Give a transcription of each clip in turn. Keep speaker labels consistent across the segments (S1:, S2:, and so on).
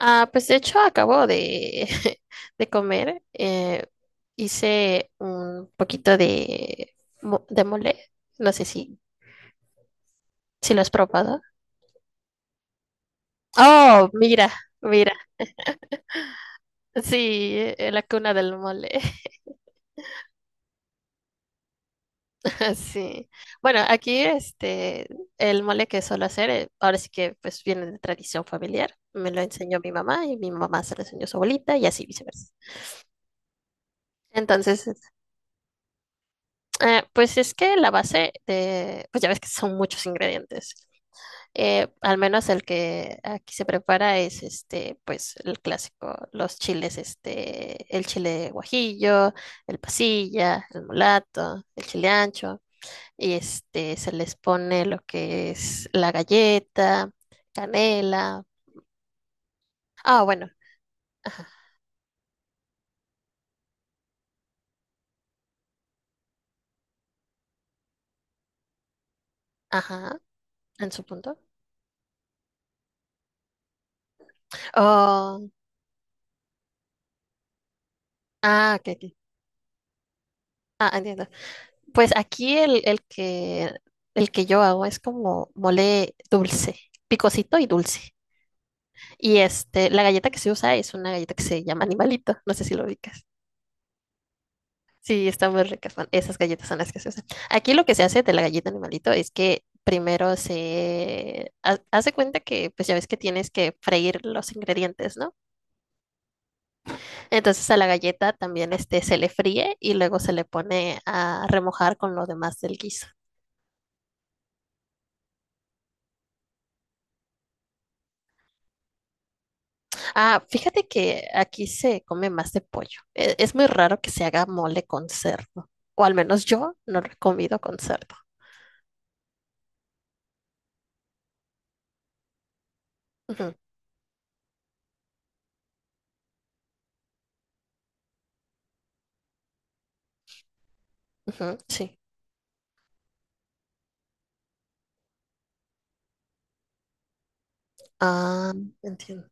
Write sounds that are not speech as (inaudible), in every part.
S1: Ah, pues de hecho acabo de, (laughs) de comer. Hice un poquito de, de mole. No sé si lo has probado. Oh, mira, mira. (laughs) Sí, la cuna del mole. (laughs) Sí. Bueno, aquí este, el mole que suelo hacer, ahora sí que pues viene de tradición familiar. Me lo enseñó mi mamá y mi mamá se lo enseñó a su abuelita y así viceversa. Entonces, pues es que la base de, pues ya ves que son muchos ingredientes. Al menos el que aquí se prepara es este, pues el clásico, los chiles, este, el chile guajillo, el pasilla, el mulato, el chile ancho, y este se les pone lo que es la galleta, canela. Ah, bueno, ajá, ajá, en su punto. Oh, ah, ok, ok. Ah, entiendo. Pues aquí el que yo hago es como mole dulce, picosito y dulce. Y este, la galleta que se usa es una galleta que se llama animalito. No sé si lo ubicas. Sí, están muy ricas. Esas galletas son las que se usan. Aquí lo que se hace de la galleta animalito es que primero se hace cuenta que, pues ya ves que tienes que freír los ingredientes, ¿no? Entonces a la galleta también este, se le fríe y luego se le pone a remojar con lo demás del guiso. Ah, fíjate que aquí se come más de pollo. Es muy raro que se haga mole con cerdo. O al menos yo no lo he comido con cerdo. Ujú. Ujú, sí. Ah, entiendo.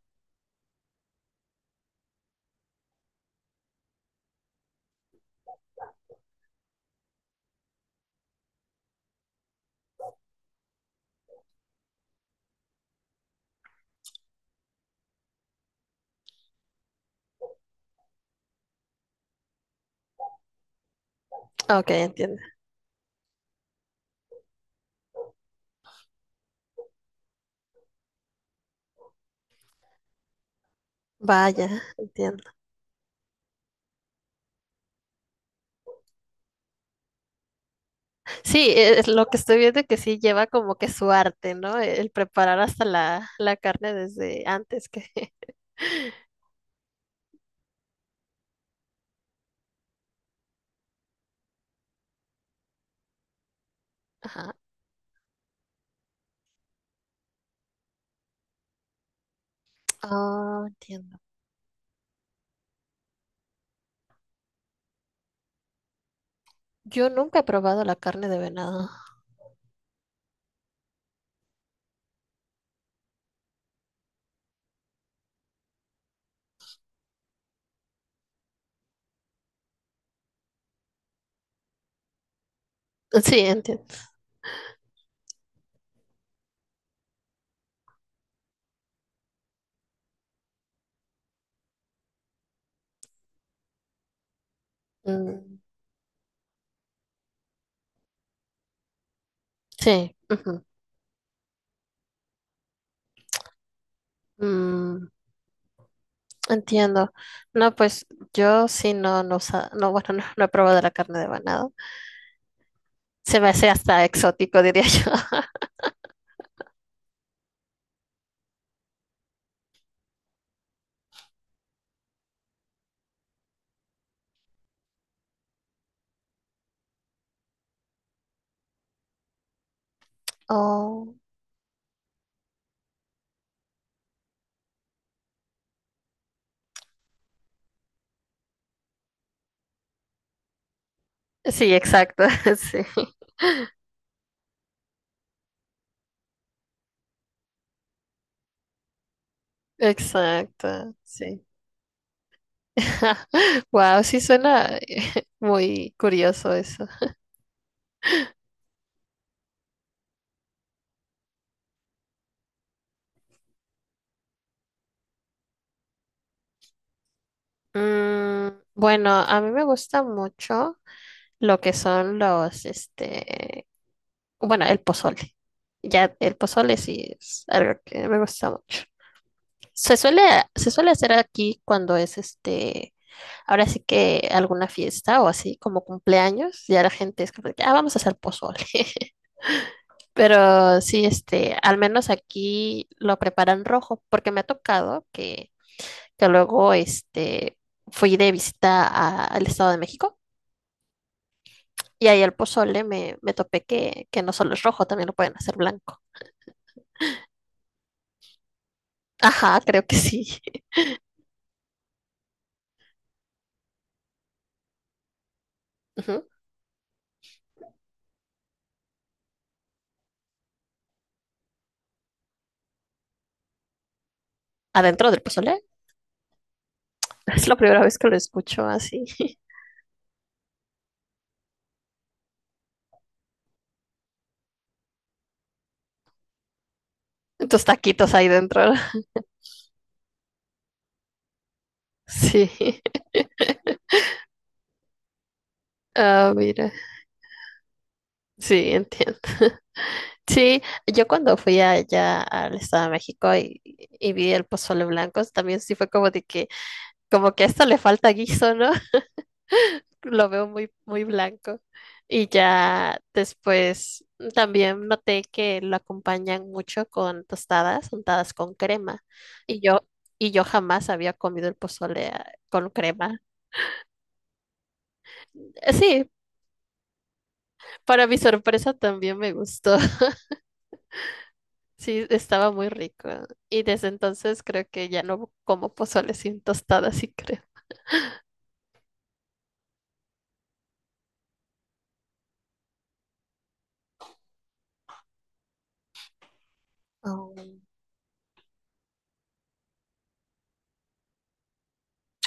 S1: Ok, entiendo. Vaya, entiendo. Sí, es lo que estoy viendo que sí lleva como que su arte, ¿no? El preparar hasta la carne desde antes que... (laughs) Ajá. Ah, entiendo. Yo nunca he probado la carne de venado. Sí, entiendo. Mm, sí. Ujú. Mm, Entiendo. No, pues yo sí no, no, no, bueno, no, no he probado la carne de venado. Se me hace hasta exótico, diría yo. (laughs) Oh. Sí, exacto, (laughs) sí, exacto, sí. (laughs) Wow, sí suena (laughs) muy curioso eso. Mm, bueno, a mí me gusta mucho lo que son los, este, bueno, el pozole. Ya el pozole sí es algo que me gusta mucho. Se suele, se suele hacer aquí cuando es este, ahora sí que alguna fiesta o así como cumpleaños, ya la gente es como de que, ah, vamos a hacer pozole. (laughs) Pero sí, este, al menos aquí lo preparan rojo, porque me ha tocado que luego este, fui de visita al Estado de México y ahí al pozole me topé que no solo es rojo, también lo pueden hacer blanco. Ajá, creo que sí. (laughs) Ujú. Adentro del pozole. Es la primera vez que lo escucho así. (laughs) Tus taquitos ahí dentro. (laughs) Sí. Ah, mira. Sí, entiendo. Sí, yo cuando fui allá al Estado de México y vi el pozole blanco, también sí fue como de que, como que a esto le falta guiso, ¿no? (laughs) Lo veo muy, muy blanco. Y ya después también noté que lo acompañan mucho con tostadas, untadas con crema. Y yo, y yo jamás había comido el pozole con crema. Sí, para mi sorpresa también me gustó. Sí, estaba muy rico. Y desde entonces creo que ya no como pozole sin tostada, sí creo. Oh,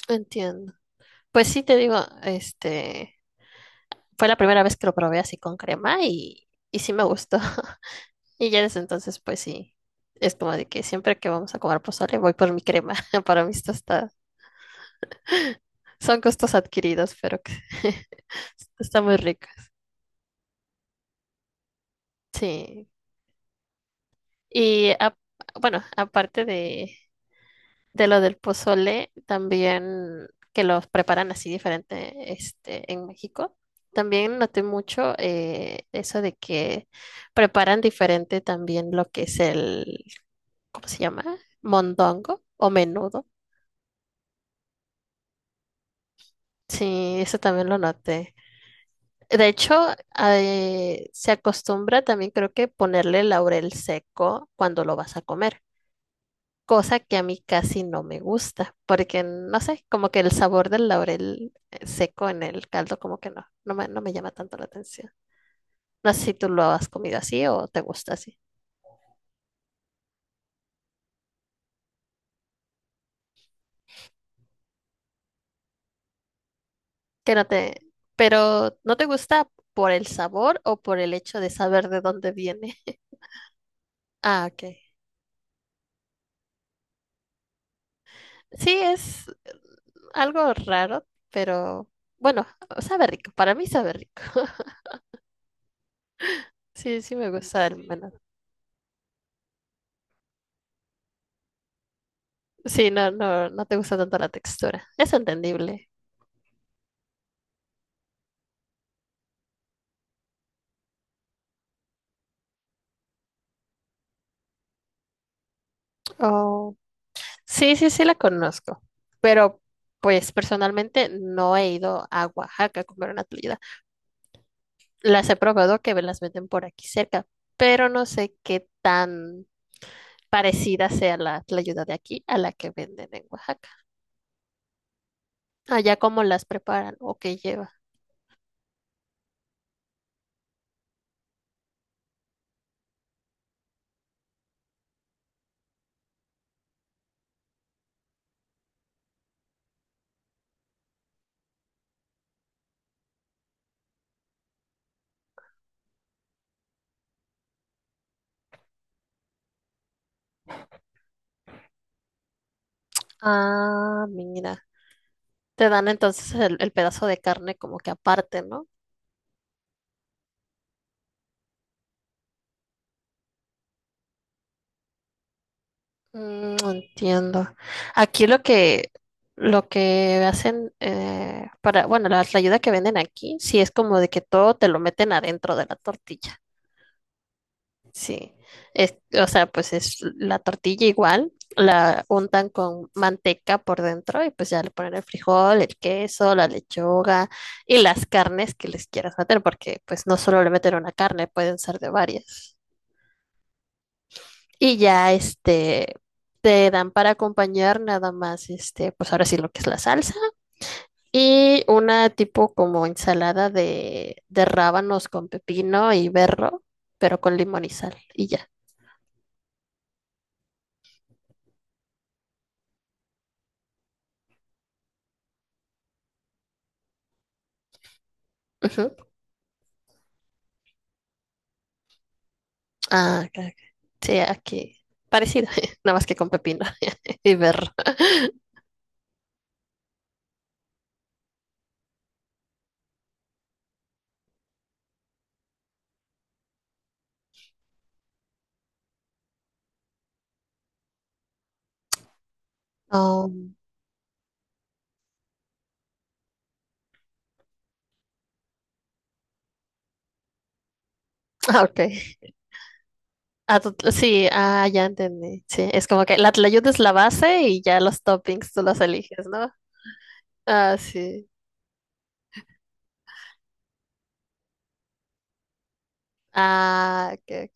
S1: entiendo. Pues sí, te digo, este, fue la primera vez que lo probé así con crema y sí me gustó. (laughs) Y ya desde entonces, pues sí, es como de que siempre que vamos a comer pozole voy por mi crema (laughs) para mis tostadas. Son costos adquiridos, pero que (laughs) está muy rico. Sí. Y a- bueno, aparte de, lo del pozole, también que los preparan así diferente este, en México. También noté mucho eso de que preparan diferente también lo que es el, ¿cómo se llama? Mondongo o menudo. Sí, eso también lo noté. De hecho, se acostumbra también creo que ponerle laurel seco cuando lo vas a comer. Cosa que a mí casi no me gusta, porque no sé, como que el sabor del laurel seco en el caldo, como que no, no me llama tanto la atención. No sé si tú lo has comido así o te gusta así. Que no te, pero no te gusta por el sabor o por el hecho de saber de dónde viene. (laughs) Ah, ok. Sí, es algo raro, pero bueno, sabe rico. Para mí sabe rico. (laughs) Sí, sí me gusta el menú. Sí, no, no, no te gusta tanto la textura. Es entendible. Oh. Sí, sí, sí la conozco, pero pues personalmente no he ido a Oaxaca a comer una tlayuda. Las he probado que me las venden por aquí cerca, pero no sé qué tan parecida sea la tlayuda de aquí a la que venden en Oaxaca. Allá cómo las preparan o qué lleva. Ah, mira. Te dan entonces el pedazo de carne como que aparte, ¿no? Entiendo. Aquí lo que hacen para, bueno, la ayuda que venden aquí, sí es como de que todo te lo meten adentro de la tortilla. Sí. Es, o sea, pues es la tortilla igual, la untan con manteca por dentro y pues ya le ponen el frijol, el queso, la lechuga y las carnes que les quieras meter, porque pues no solo le meten una carne, pueden ser de varias. Y ya este te dan para acompañar nada más este, pues ahora sí lo que es la salsa y una tipo como ensalada de rábanos con pepino y berro, pero con limón y sal y ya. Ujú. Ah, ok, ok. Sí, aquí parecido, (laughs) nada más que con pepino (laughs) y berro. Um, ah, ok. Ah, sí, ah, ya entendí. Sí, es como que la tlayuda es la base y ya los toppings tú los eliges, ¿no? Ah, sí. Ah,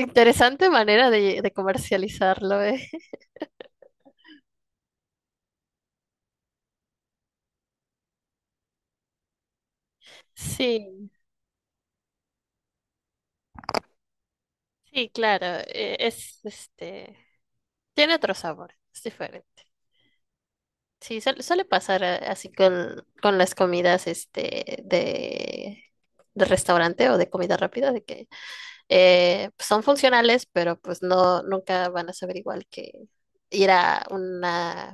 S1: interesante manera de comercializarlo, ¿eh? Sí, sí, claro. Es, este, tiene otro sabor, es diferente. Sí, suele pasar así con las comidas, este, de restaurante o de comida rápida, de que son funcionales, pero pues no, nunca van a saber igual que ir a una,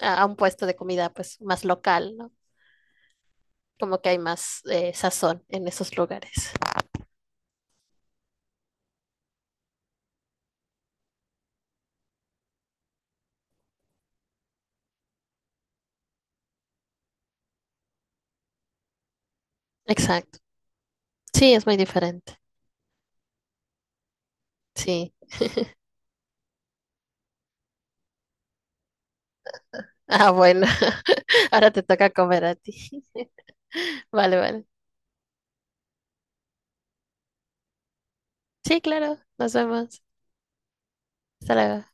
S1: a un puesto de comida, pues, más local, ¿no? Como que hay más sazón en esos lugares. Exacto. Sí, es muy diferente. Sí. Ah, bueno. (laughs) Ahora te toca comer a ti. (laughs) Vale, vale. Sí, claro. Nos vemos. Hasta luego.